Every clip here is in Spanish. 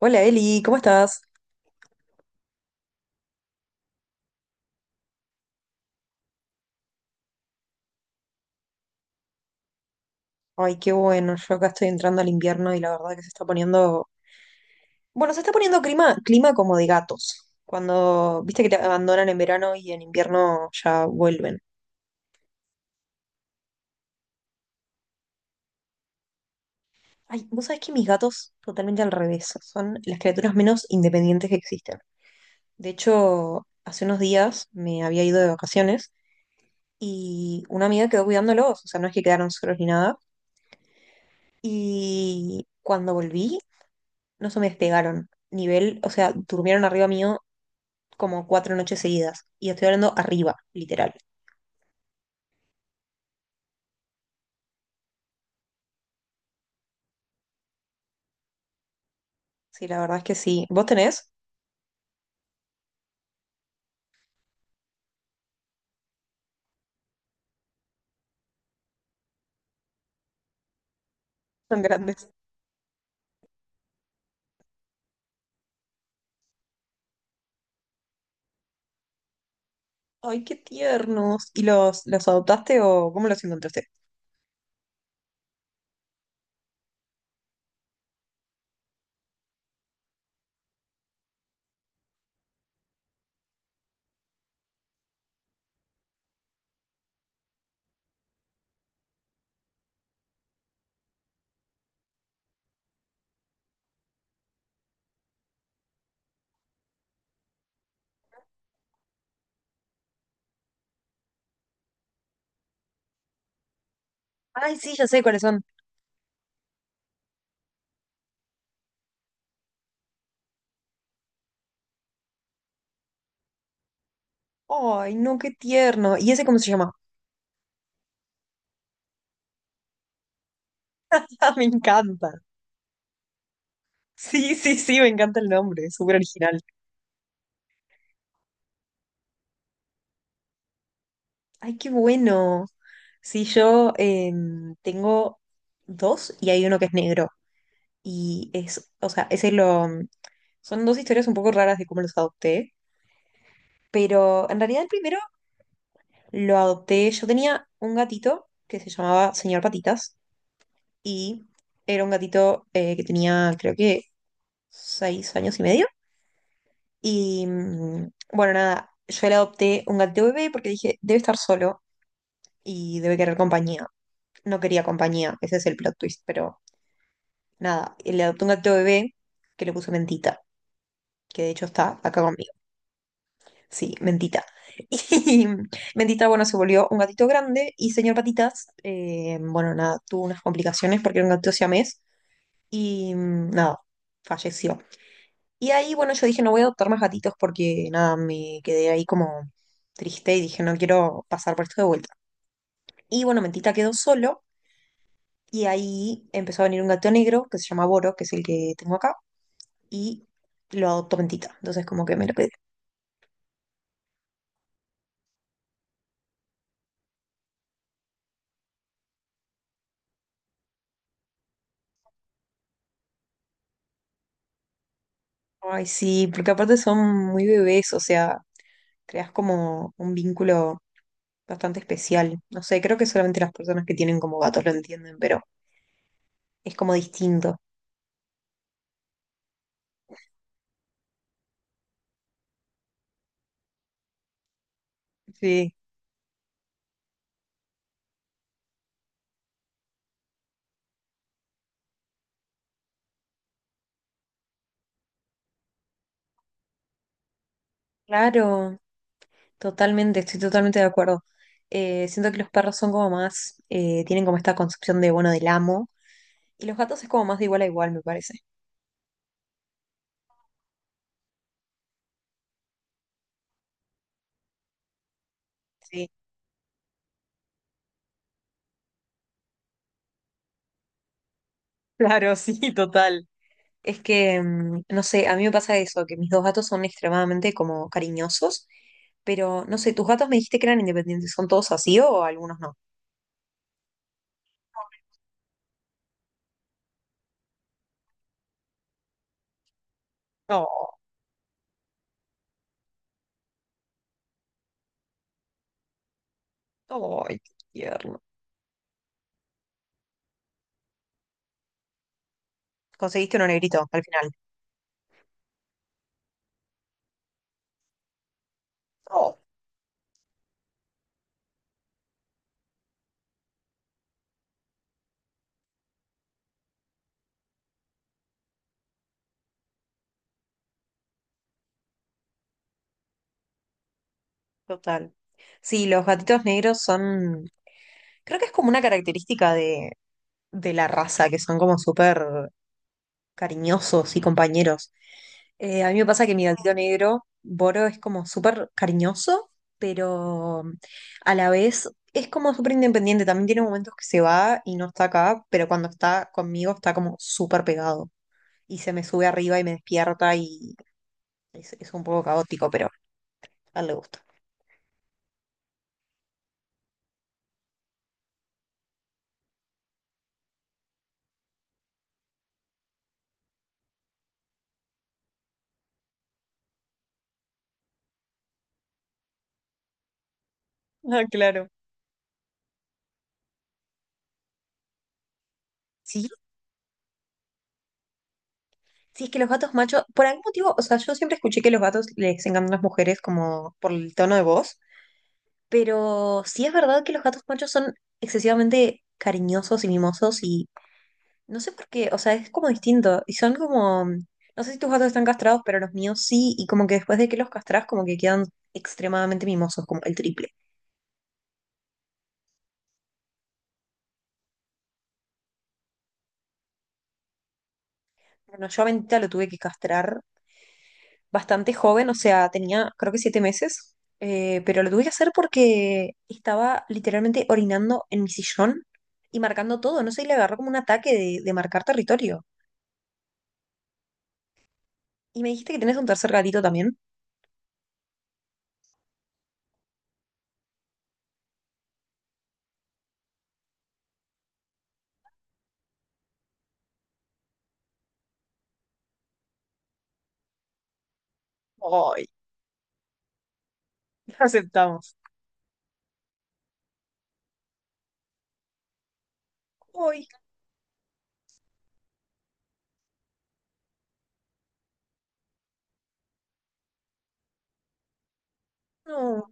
Hola Eli, ¿cómo estás? Ay, qué bueno, yo acá estoy entrando al invierno y la verdad que se está poniendo, bueno, se está poniendo clima, clima como de gatos, cuando, viste que te abandonan en verano y en invierno ya vuelven. Ay, vos sabés que mis gatos totalmente al revés, son las criaturas menos independientes que existen. De hecho, hace unos días me había ido de vacaciones y una amiga quedó cuidándolos, o sea, no es que quedaron solos ni nada. Y cuando volví, no se me despegaron. Nivel, o sea, durmieron arriba mío como 4 noches seguidas. Y estoy hablando arriba, literal. Sí, la verdad es que sí. ¿Vos tenés? Son grandes. Ay, qué tiernos. ¿Y los adoptaste o cómo los encontraste? Ay, sí, ya sé cuáles son. Ay, no, qué tierno. ¿Y ese cómo se llama? Ah, me encanta. Sí, sí, sí, me encanta el nombre, es súper original. Ay, qué bueno. Sí, yo tengo dos y hay uno que es negro. O sea, son dos historias un poco raras de cómo los adopté, pero en realidad el primero lo adopté. Yo tenía un gatito que se llamaba Señor Patitas y era un gatito que tenía creo que 6 años y medio. Y bueno, nada, yo le adopté un gatito bebé porque dije, debe estar solo y debe querer compañía. No quería compañía, ese es el plot twist, pero nada, le adopté un gatito bebé que le puse Mentita, que de hecho está acá conmigo. Sí, Mentita. Y Mentita, bueno, se volvió un gatito grande y Señor Patitas, bueno, nada, tuvo unas complicaciones porque era un gatito siamés y nada, falleció. Y ahí, bueno, yo dije, no voy a adoptar más gatitos porque nada, me quedé ahí como triste y dije, no quiero pasar por esto de vuelta. Y bueno, Mentita quedó solo y ahí empezó a venir un gato negro que se llama Boro, que es el que tengo acá, y lo adoptó Mentita. Entonces, como que me lo quedé. Ay, sí, porque aparte son muy bebés, o sea, creas como un vínculo bastante especial. No sé, creo que solamente las personas que tienen como gatos lo entienden, pero es como distinto. Sí, claro, totalmente, estoy totalmente de acuerdo. Siento que los perros son como más, tienen como esta concepción de, bueno, del amo, y los gatos es como más de igual a igual, me parece. Sí. Claro, sí, total. Es que, no sé, a mí me pasa eso, que mis dos gatos son extremadamente como cariñosos, pero no sé, tus gatos me dijiste que eran independientes, ¿son todos así o algunos no? No, ay, qué tierno. Conseguiste uno negrito al final. Oh, total. Sí, los gatitos negros son, creo que es como una característica de la raza, que son como súper cariñosos y compañeros. A mí me pasa que mi gatito negro, Boro, es como súper cariñoso, pero a la vez es como súper independiente. También tiene momentos que se va y no está acá, pero cuando está conmigo está como súper pegado y se me sube arriba y me despierta y es un poco caótico, pero a él le gusta. Ah, claro. Sí, sí, es que los gatos machos, por algún motivo, o sea, yo siempre escuché que los gatos les encantan las mujeres como por el tono de voz, pero sí es verdad que los gatos machos son excesivamente cariñosos y mimosos y no sé por qué, o sea, es como distinto. Y son como, no sé si tus gatos están castrados, pero los míos sí, y como que después de que los castras, como que quedan extremadamente mimosos, como el triple. Bueno, yo a Bendita lo tuve que castrar bastante joven, o sea, tenía creo que 7 meses, pero lo tuve que hacer porque estaba literalmente orinando en mi sillón y marcando todo, no sé, y le agarró como un ataque de marcar territorio. Y me dijiste que tenés un tercer gatito también. Ay, aceptamos. Ay, no.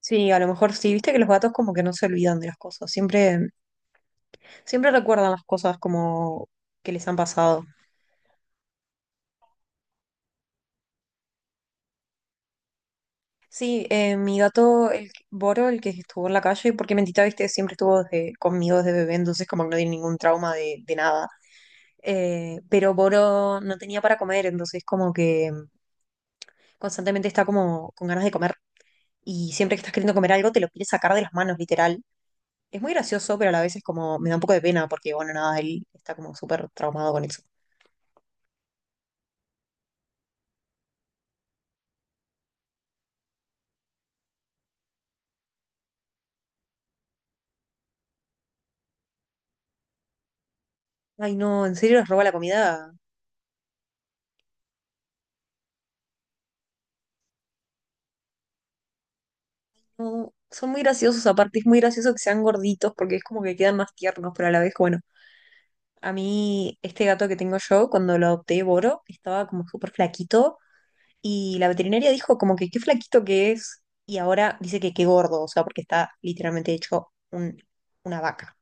Sí, a lo mejor sí, viste que los gatos como que no se olvidan de las cosas, siempre, siempre recuerdan las cosas como que les han pasado. Sí, mi gato, Boro, el que estuvo en la calle, porque Mentita, viste, siempre estuvo conmigo desde bebé, entonces como que no tiene ningún trauma de nada. Pero Boro no tenía para comer, entonces como que constantemente está como con ganas de comer y siempre que estás queriendo comer algo te lo quieres sacar de las manos, literal. Es muy gracioso, pero a la vez es como, me da un poco de pena porque, bueno, nada, él está como súper traumado con eso. Ay, no, en serio les roba la comida. No, son muy graciosos, aparte es muy gracioso que sean gorditos porque es como que quedan más tiernos, pero a la vez, bueno, a mí este gato que tengo yo, cuando lo adopté, Boro, estaba como súper flaquito y la veterinaria dijo como que qué flaquito que es y ahora dice que qué gordo, o sea, porque está literalmente hecho una vaca.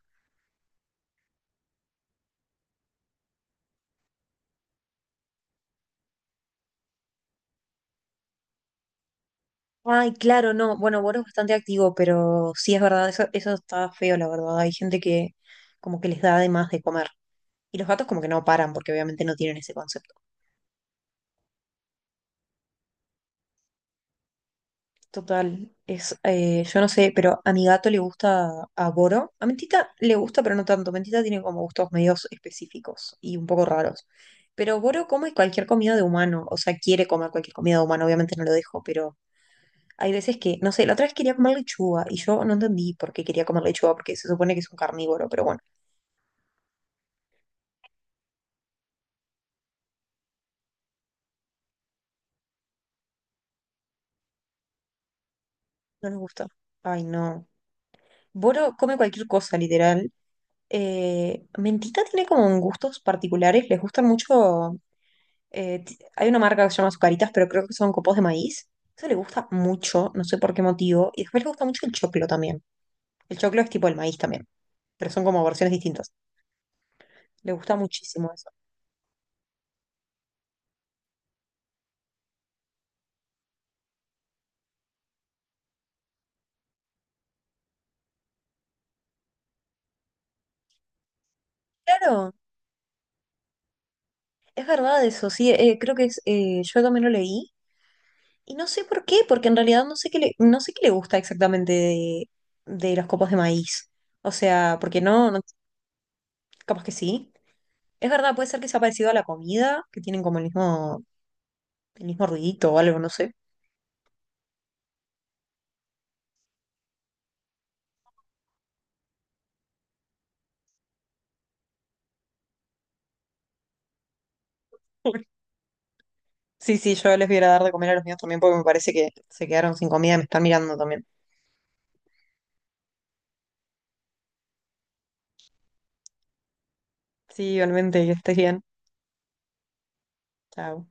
Ay, claro, no, bueno, Boro es bastante activo, pero sí es verdad, eso está feo, la verdad. Hay gente que como que les da de más de comer. Y los gatos como que no paran porque obviamente no tienen ese concepto. Total, yo no sé, pero a mi gato le gusta a Boro. A Mentita le gusta, pero no tanto. Mentita tiene como gustos medios específicos y un poco raros. Pero Boro come cualquier comida de humano, o sea, quiere comer cualquier comida de humano, obviamente no lo dejo, pero hay veces que, no sé, la otra vez quería comer lechuga y yo no entendí por qué quería comer lechuga, porque se supone que es un carnívoro, pero bueno, no nos gusta. Ay, no. Boro come cualquier cosa, literal. Mentita tiene como gustos particulares, les gustan mucho. Hay una marca que se llama Azucaritas, pero creo que son copos de maíz. Eso le gusta mucho, no sé por qué motivo. Y después le gusta mucho el choclo también. El choclo es tipo el maíz también, pero son como versiones distintas. Le gusta muchísimo eso. Claro, es verdad eso, sí, creo que yo también lo leí. Y no sé por qué, porque en realidad no sé qué le, no sé qué le gusta exactamente de los copos de maíz. O sea, porque no, no, capaz que sí. Es verdad, puede ser que sea parecido a la comida, que tienen como el mismo ruidito o algo, no sé. Sí, sí, yo les voy a ir a dar de comer a los míos también porque me parece que se quedaron sin comida y me están mirando también. Sí, igualmente, que estés bien. Chao.